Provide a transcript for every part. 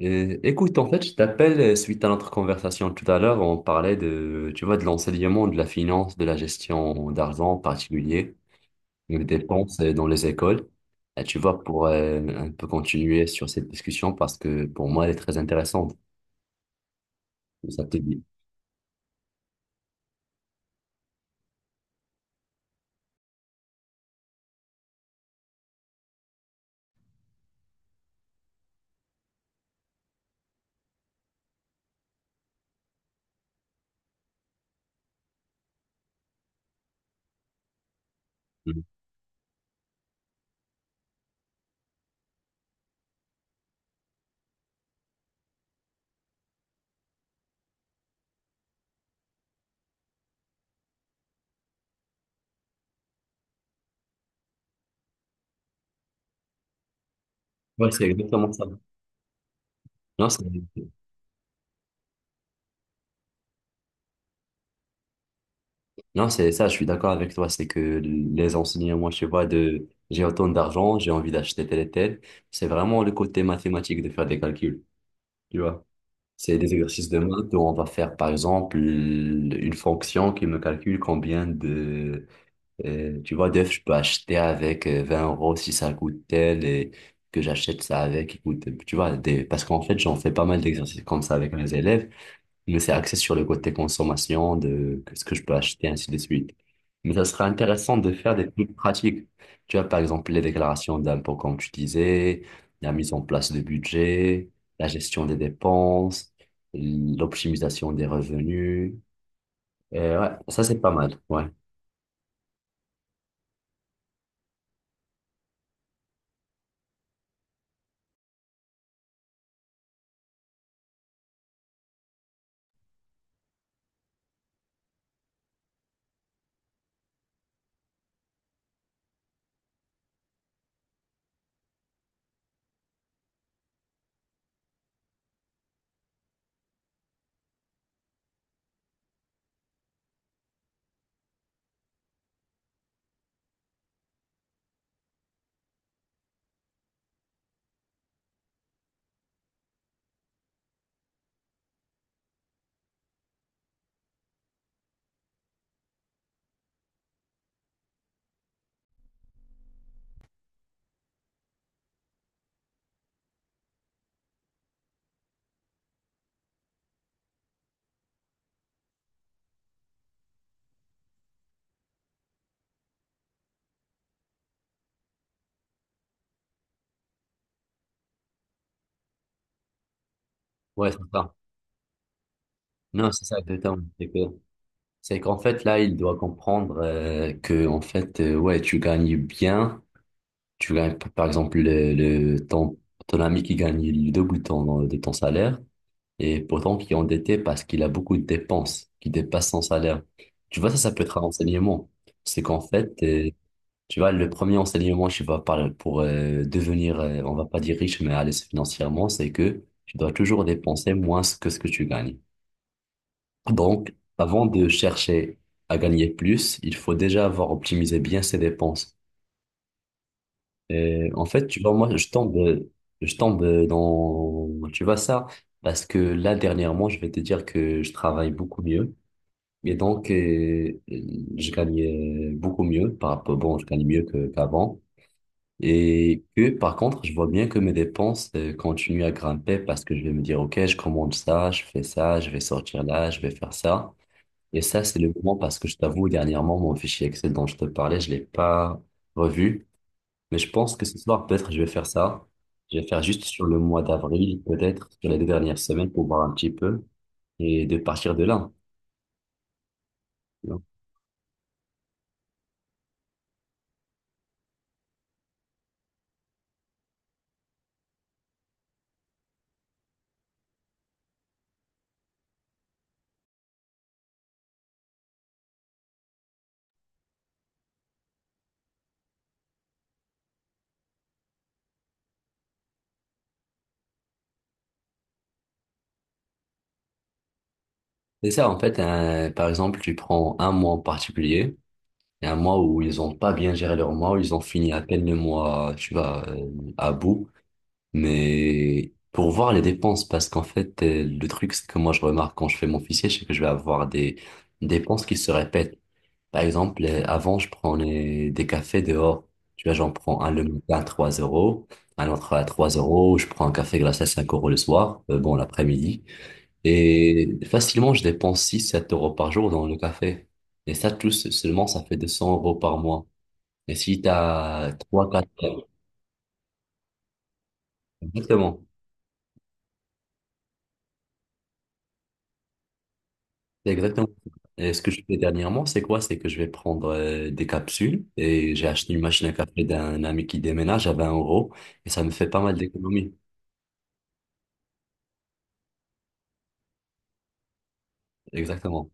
Écoute, en fait, je t'appelle suite à notre conversation tout à l'heure. On parlait de, tu vois, de l'enseignement, de la finance, de la gestion d'argent en particulier, des dépenses dans les écoles. Et tu vois, pour un peu continuer sur cette discussion parce que pour moi, elle est très intéressante. Ça te dit? Mhm. Ouais, c'est exactement ça. Non, c'est non, c'est ça, je suis d'accord avec toi. C'est que les enseignements, tu vois, de j'ai autant d'argent, j'ai envie d'acheter tel et tel, c'est vraiment le côté mathématique de faire des calculs. Tu vois. C'est des exercices de maths où on va faire, par exemple, une fonction qui me calcule combien de, tu vois, d'œufs je peux acheter avec 20 euros si ça coûte tel et que j'achète ça avec, écoute, tu vois, des, parce qu'en fait, j'en fais pas mal d'exercices comme ça avec mes élèves. Mais c'est axé sur le côté consommation de ce que je peux acheter, ainsi de suite. Mais ça serait intéressant de faire des trucs pratiques. Tu vois, par exemple, les déclarations d'impôts, comme tu disais, la mise en place de budget, la gestion des dépenses, l'optimisation des revenus. Ouais, ça, c'est pas mal. Ouais, ouais, c'est ça. Non, c'est ça, exactement. C'est qu'en fait, là, il doit comprendre que, en fait, ouais, tu gagnes bien. Tu gagnes, par exemple, ton ami qui gagne le double de ton salaire et pourtant qui est endetté parce qu'il a beaucoup de dépenses qui dépassent son salaire. Tu vois, ça peut être un enseignement. C'est qu'en fait, tu vois, le premier enseignement, je sais pas, pour devenir, on va pas dire riche, mais à l'aise financièrement, c'est que tu dois toujours dépenser moins que ce que tu gagnes. Donc, avant de chercher à gagner plus, il faut déjà avoir optimisé bien ses dépenses. Et en fait, tu vois, moi, je tombe dans, tu vois ça, parce que là, dernièrement, je vais te dire que je travaille beaucoup mieux. Et donc, je gagnais beaucoup mieux par rapport, bon, je gagne mieux qu'avant. Et que, par contre, je vois bien que mes dépenses, continuent à grimper parce que je vais me dire, OK, je commande ça, je fais ça, je vais sortir là, je vais faire ça. Et ça, c'est le moment parce que je t'avoue, dernièrement, mon fichier Excel dont je te parlais, je l'ai pas revu. Mais je pense que ce soir, peut-être, je vais faire ça. Je vais faire juste sur le mois d'avril, peut-être, sur les deux dernières semaines pour voir un petit peu et de partir de là. Tu vois. C'est ça, en fait, par exemple, tu prends un mois en particulier, et un mois où ils ont pas bien géré leur mois, où ils ont fini à peine le mois, tu vois, à bout, mais pour voir les dépenses, parce qu'en fait, le truc, c'est que moi, je remarque quand je fais mon fichier, c'est que je vais avoir des dépenses qui se répètent. Par exemple, avant, je prenais des cafés dehors. Tu vois, j'en prends un le matin à 3 euros, un autre à 3 euros, je prends un café glacé à 5 euros le soir, bon, l'après-midi. Et facilement, je dépense six sept euros par jour dans le café. Et ça, tout seulement, ça fait 200 euros par mois. Et si tu as trois quatre 4 Exactement. C'est exactement ça. Et ce que je fais dernièrement, c'est quoi? C'est que je vais prendre des capsules et j'ai acheté une machine à café d'un ami qui déménage à 20 euros et ça me fait pas mal d'économies. Exactement.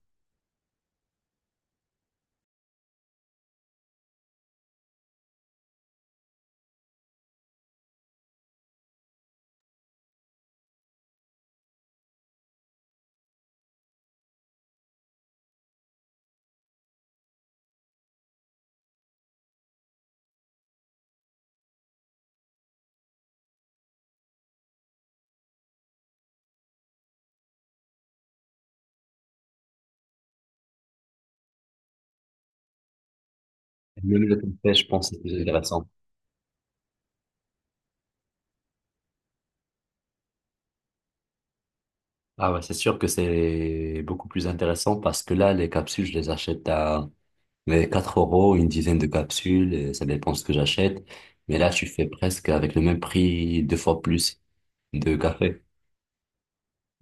Même le tempeh, je pense que c'est plus intéressant. Ah ouais, c'est sûr que c'est beaucoup plus intéressant parce que là, les capsules, je les achète à mais 4 euros, une dizaine de capsules, et ça dépend ce que j'achète. Mais là, tu fais presque avec le même prix, deux fois plus de café.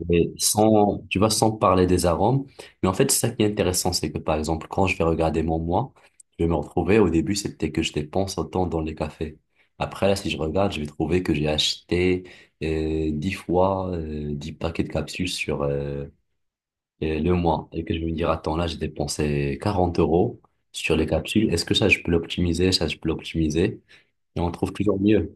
Mais sans, tu vois, sans parler des arômes. Mais en fait, c'est ça qui est intéressant, c'est que par exemple, quand je vais regarder mon moi, je vais me retrouver, au début, c'était que je dépense autant dans les cafés. Après, là, si je regarde, je vais trouver que j'ai acheté 10 fois 10 paquets de capsules sur le mois. Et que je vais me dire, attends, là, j'ai dépensé 40 euros sur les capsules. Est-ce que ça, je peux l'optimiser? Ça, je peux l'optimiser. Et on trouve toujours mieux.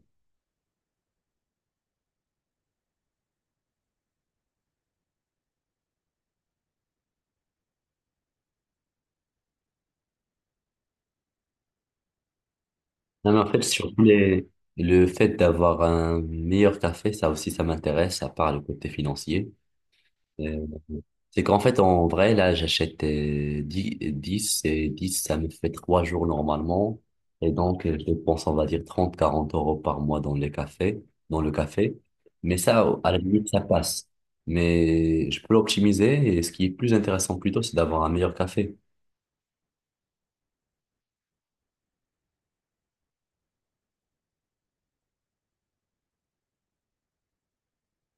Non, mais en fait, surtout le fait d'avoir un meilleur café, ça aussi, ça m'intéresse, à part le côté financier. Euh, c'est qu'en fait, en vrai, là, j'achète 10 10 et 10 ça me fait 3 jours normalement. Et donc, je dépense, on va dire, 30 40 euros par mois dans les cafés, dans le café. Mais ça, à la limite, ça passe. Mais je peux l'optimiser et ce qui est plus intéressant plutôt, c'est d'avoir un meilleur café.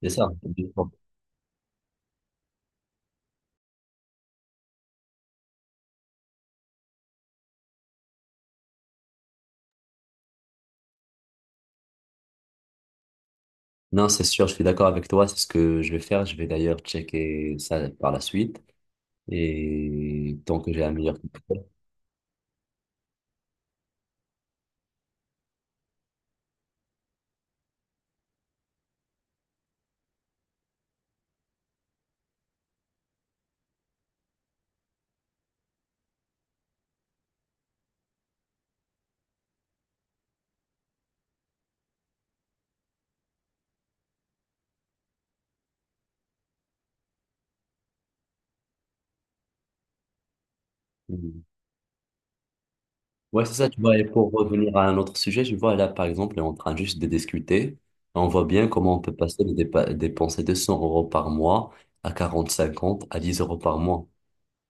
C'est ça. Non, c'est sûr, je suis d'accord avec toi, c'est ce que je vais faire. Je vais d'ailleurs checker ça par la suite. Et tant que j'ai un meilleur critère. Mm. Ouais, c'est ça, tu vois. Et pour revenir à un autre sujet, je vois là, par exemple, on est en train juste de discuter. On voit bien comment on peut passer de dépenser 200 euros par mois à 40 50 à 10 euros par mois.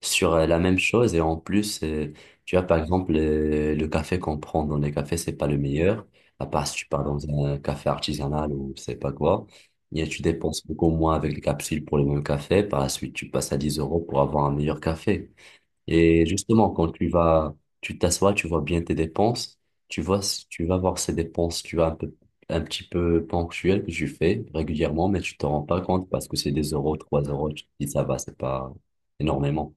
Sur la même chose et en plus, tu vois par exemple, le café qu'on prend dans les cafés, c'est pas le meilleur à part si tu pars dans un café artisanal ou je sais pas quoi, et tu dépenses beaucoup moins avec les capsules pour le même café. Par la suite, tu passes à 10 euros pour avoir un meilleur café, et justement quand tu vas, tu t'assois, tu vois bien tes dépenses. Tu vois, tu vas voir ces dépenses, tu vois un peu, un petit peu ponctuelles que tu fais régulièrement, mais tu t'en rends pas compte parce que c'est des euros 3 euros. Tu te dis ça va, c'est pas énormément.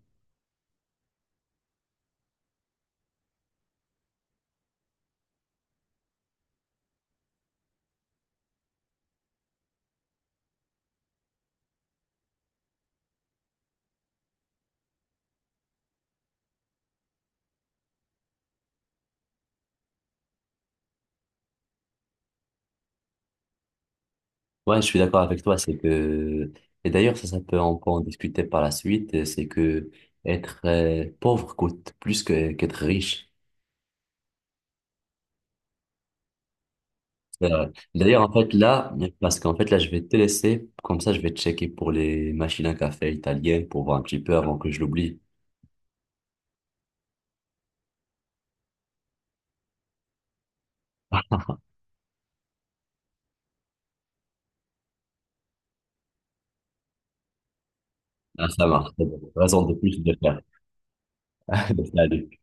Ouais, je suis d'accord avec toi, c'est que, et d'ailleurs, ça peut encore en discuter par la suite, c'est que être pauvre coûte plus qu'être riche. D'ailleurs, en fait, là, parce qu'en fait, là, je vais te laisser, comme ça, je vais checker pour les machines à café italiennes pour voir un petit peu avant que je l'oublie. Ah, ça marche, c'est bon. Raison de plus de le faire. Salut.